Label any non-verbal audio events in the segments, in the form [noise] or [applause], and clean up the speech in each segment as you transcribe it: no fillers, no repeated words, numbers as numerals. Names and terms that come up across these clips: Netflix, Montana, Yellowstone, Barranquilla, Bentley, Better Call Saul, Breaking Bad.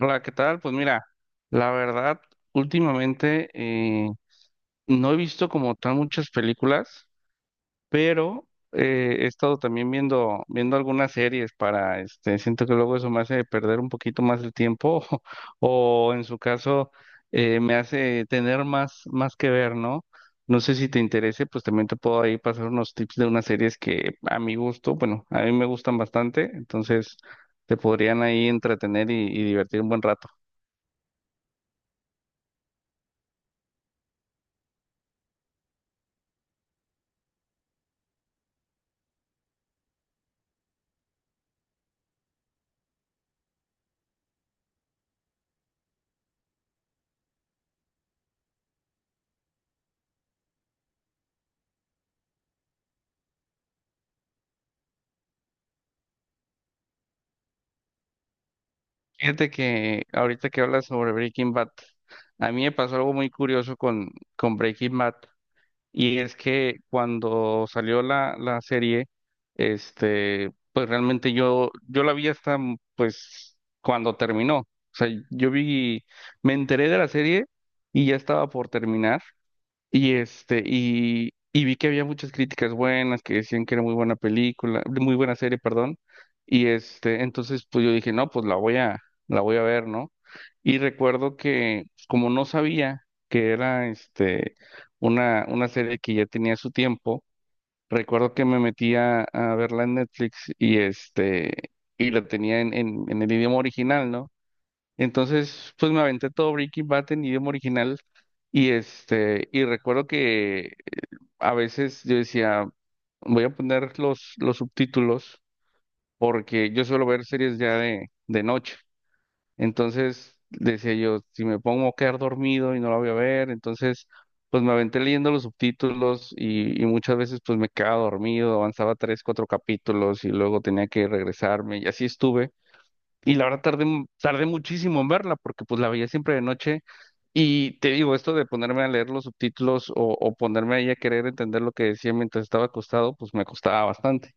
Hola, ¿qué tal? Pues mira, la verdad, últimamente no he visto como tan muchas películas, pero he estado también viendo, viendo algunas series para, este, siento que luego eso me hace perder un poquito más el tiempo [laughs] o, en su caso me hace tener más, más que ver, ¿no? No sé si te interese, pues también te puedo ahí pasar unos tips de unas series que a mi gusto, bueno, a mí me gustan bastante, entonces te podrían ahí entretener y divertir un buen rato. Fíjate que ahorita que hablas sobre Breaking Bad, a mí me pasó algo muy curioso con Breaking Bad, y es que cuando salió la serie, este, pues realmente yo la vi hasta pues cuando terminó. O sea, yo vi, me enteré de la serie y ya estaba por terminar. Y este, y vi que había muchas críticas buenas, que decían que era muy buena película, muy buena serie, perdón. Y este, entonces pues yo dije, no, pues la voy a ver, ¿no? Y recuerdo que, pues, como no sabía que era este una serie que ya tenía su tiempo, recuerdo que me metí a verla en Netflix y este, y la tenía en el idioma original, ¿no? Entonces, pues me aventé todo Breaking Bad en idioma original y este, y recuerdo que a veces yo decía, voy a poner los subtítulos porque yo suelo ver series ya de noche. Entonces decía yo, si me pongo a quedar dormido y no la voy a ver, entonces pues me aventé leyendo los subtítulos y muchas veces pues me quedaba dormido, avanzaba tres, cuatro capítulos y luego tenía que regresarme y así estuve y la verdad tardé muchísimo en verla porque pues la veía siempre de noche y te digo, esto de ponerme a leer los subtítulos o ponerme ahí a querer entender lo que decía mientras estaba acostado, pues me costaba bastante.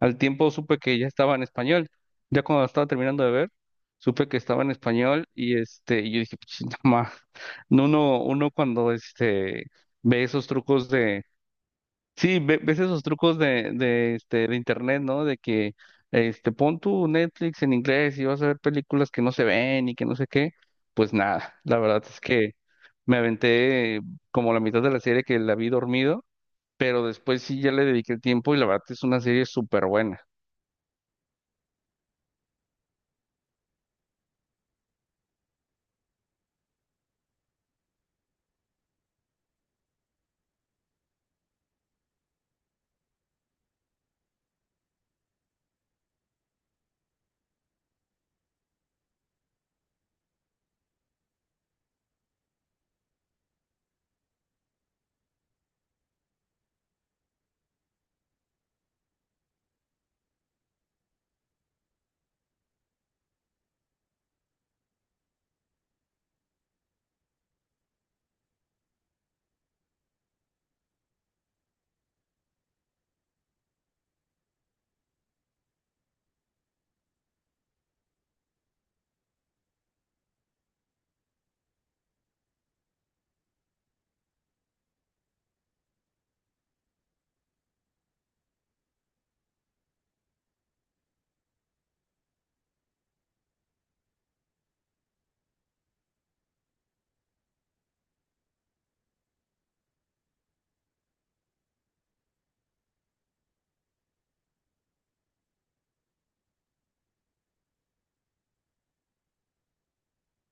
Al tiempo supe que ya estaba en español, ya cuando la estaba terminando de ver, supe que estaba en español y este, y yo dije, pues [laughs] no, ma". No, uno cuando este, ve esos trucos. Sí, ves esos trucos este, de internet, ¿no? De que este, pon tu Netflix en inglés y vas a ver películas que no se ven y que no sé qué. Pues nada, la verdad es que me aventé como la mitad de la serie que la vi dormido, pero después sí ya le dediqué el tiempo y la verdad es una serie súper buena.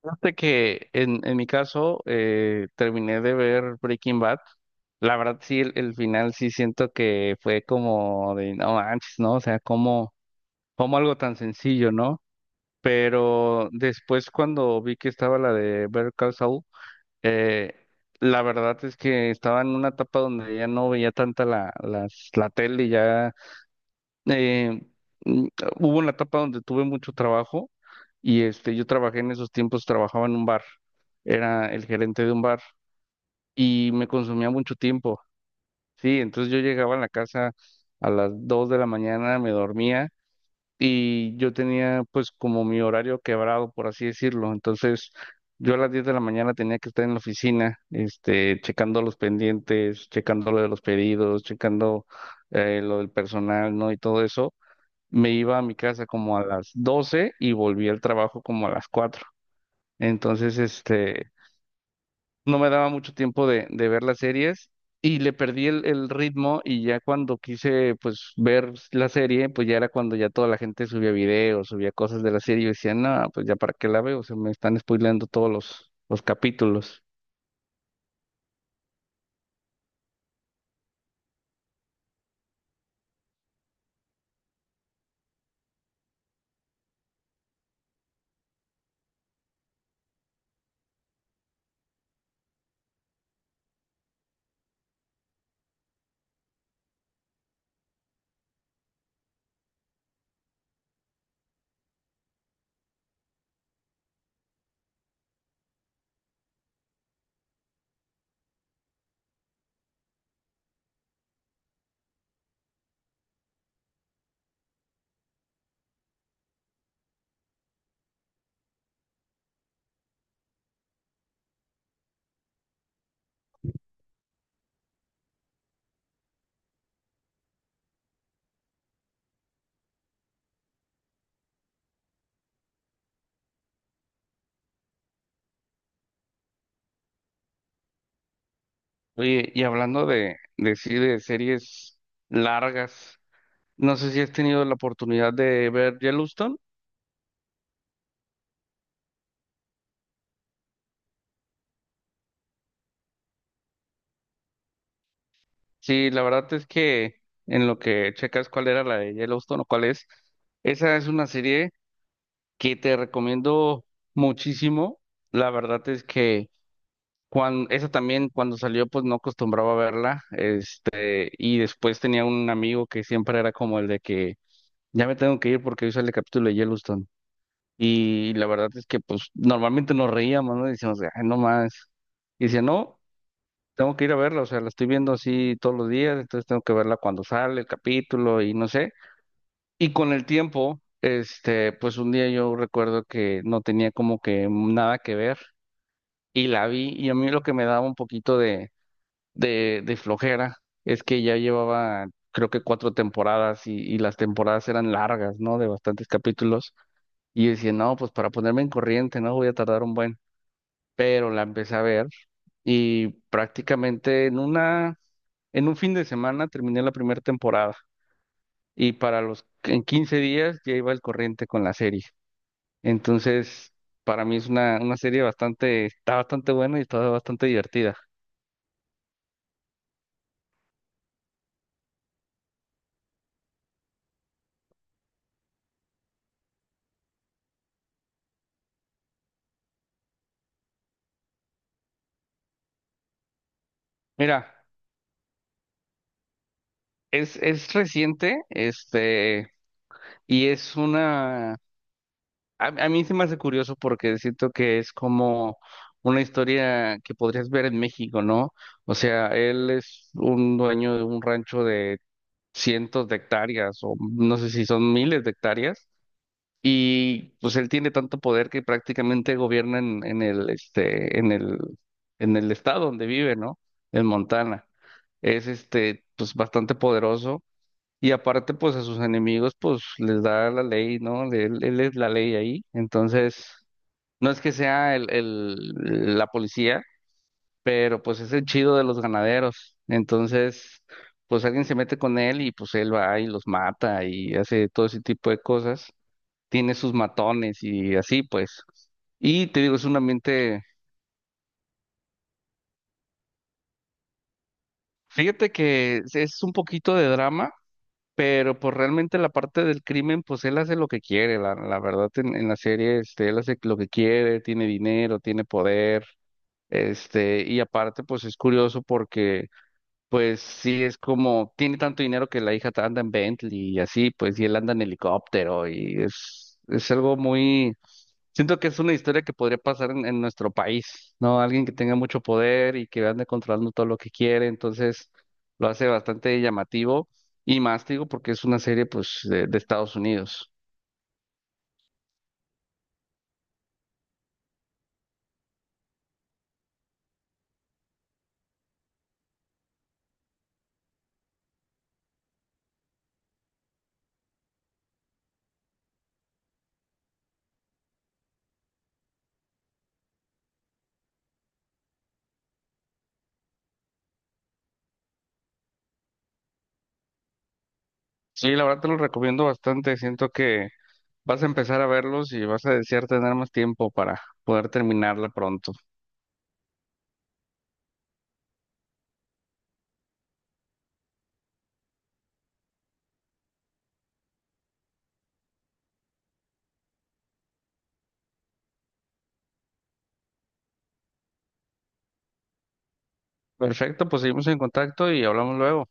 Fíjate que en mi caso terminé de ver Breaking Bad. La verdad sí, el final sí siento que fue como de no manches, ¿no? O sea, como, como algo tan sencillo, ¿no? Pero después cuando vi que estaba la de Better Call Saul, eh, la verdad es que estaba en una etapa donde ya no veía tanta la tele, ya eh, mm, hubo una etapa donde tuve mucho trabajo y este, yo trabajé en esos tiempos, trabajaba en un bar, era el gerente de un bar y me consumía mucho tiempo, sí, entonces yo llegaba a la casa a las 2 de la mañana, me dormía y yo tenía pues como mi horario quebrado, por así decirlo. Entonces, yo a las 10 de la mañana tenía que estar en la oficina, este, checando los pendientes, checando lo de los pedidos, checando lo del personal, ¿no? Y todo eso. Me iba a mi casa como a las 12 y volví al trabajo como a las 4. Entonces, este, no me daba mucho tiempo de ver las series y le perdí el ritmo y ya cuando quise pues ver la serie, pues ya era cuando ya toda la gente subía videos, subía cosas de la serie y yo decía, no, pues ya para qué la veo, se me están spoileando todos los capítulos. Oye, y hablando sí, de series largas, no sé si has tenido la oportunidad de ver Yellowstone. Sí, la verdad es que en lo que checas cuál era la de Yellowstone o cuál es, esa es una serie que te recomiendo muchísimo. La verdad es que cuando, esa también cuando salió pues no acostumbraba a verla, este, y después tenía un amigo que siempre era como el de que ya me tengo que ir porque hoy sale el capítulo de Yellowstone. Y la verdad es que pues normalmente nos reíamos, ¿no? Decíamos, ay, no más. Y decía, no, tengo que ir a verla, o sea, la estoy viendo así todos los días, entonces tengo que verla cuando sale el capítulo y no sé. Y con el tiempo, este, pues un día yo recuerdo que no tenía como que nada que ver y la vi y a mí lo que me daba un poquito de, de flojera es que ya llevaba creo que cuatro temporadas y las temporadas eran largas, ¿no? De bastantes capítulos y yo decía, no, pues para ponerme en corriente, ¿no? Voy a tardar un buen, pero la empecé a ver y prácticamente en un fin de semana terminé la primera temporada y para los en 15 días ya iba al corriente con la serie. Entonces, para mí es una serie bastante, está bastante buena y está bastante divertida. Mira, es reciente, este, y a mí se me hace curioso porque siento que es como una historia que podrías ver en México, ¿no? O sea, él es un dueño de un rancho de cientos de hectáreas o no sé si son miles de hectáreas. Y pues él tiene tanto poder que prácticamente gobierna en el estado donde vive, ¿no? En Montana. Es este, pues bastante poderoso. Y aparte, pues a sus enemigos, pues les da la ley, ¿no? De Él, él es la ley ahí. Entonces, no es que sea la policía, pero pues es el chido de los ganaderos. Entonces, pues alguien se mete con él y pues él va y los mata y hace todo ese tipo de cosas, tiene sus matones y así, pues. Y te digo, es un ambiente, fíjate que es un poquito de drama, pero pues realmente la parte del crimen, pues él hace lo que quiere, la verdad en la serie, este, él hace lo que quiere, tiene dinero, tiene poder, este, y aparte pues es curioso porque pues sí es como, tiene tanto dinero que la hija anda en Bentley y así, pues y él anda en helicóptero y es algo muy. Siento que es una historia que podría pasar en nuestro país, ¿no? Alguien que tenga mucho poder y que ande controlando todo lo que quiere, entonces lo hace bastante llamativo y más, te digo, porque es una serie, pues, de Estados Unidos. Sí, la verdad te lo recomiendo bastante, siento que vas a empezar a verlos y vas a desear tener más tiempo para poder terminarla pronto. Perfecto, pues seguimos en contacto y hablamos luego.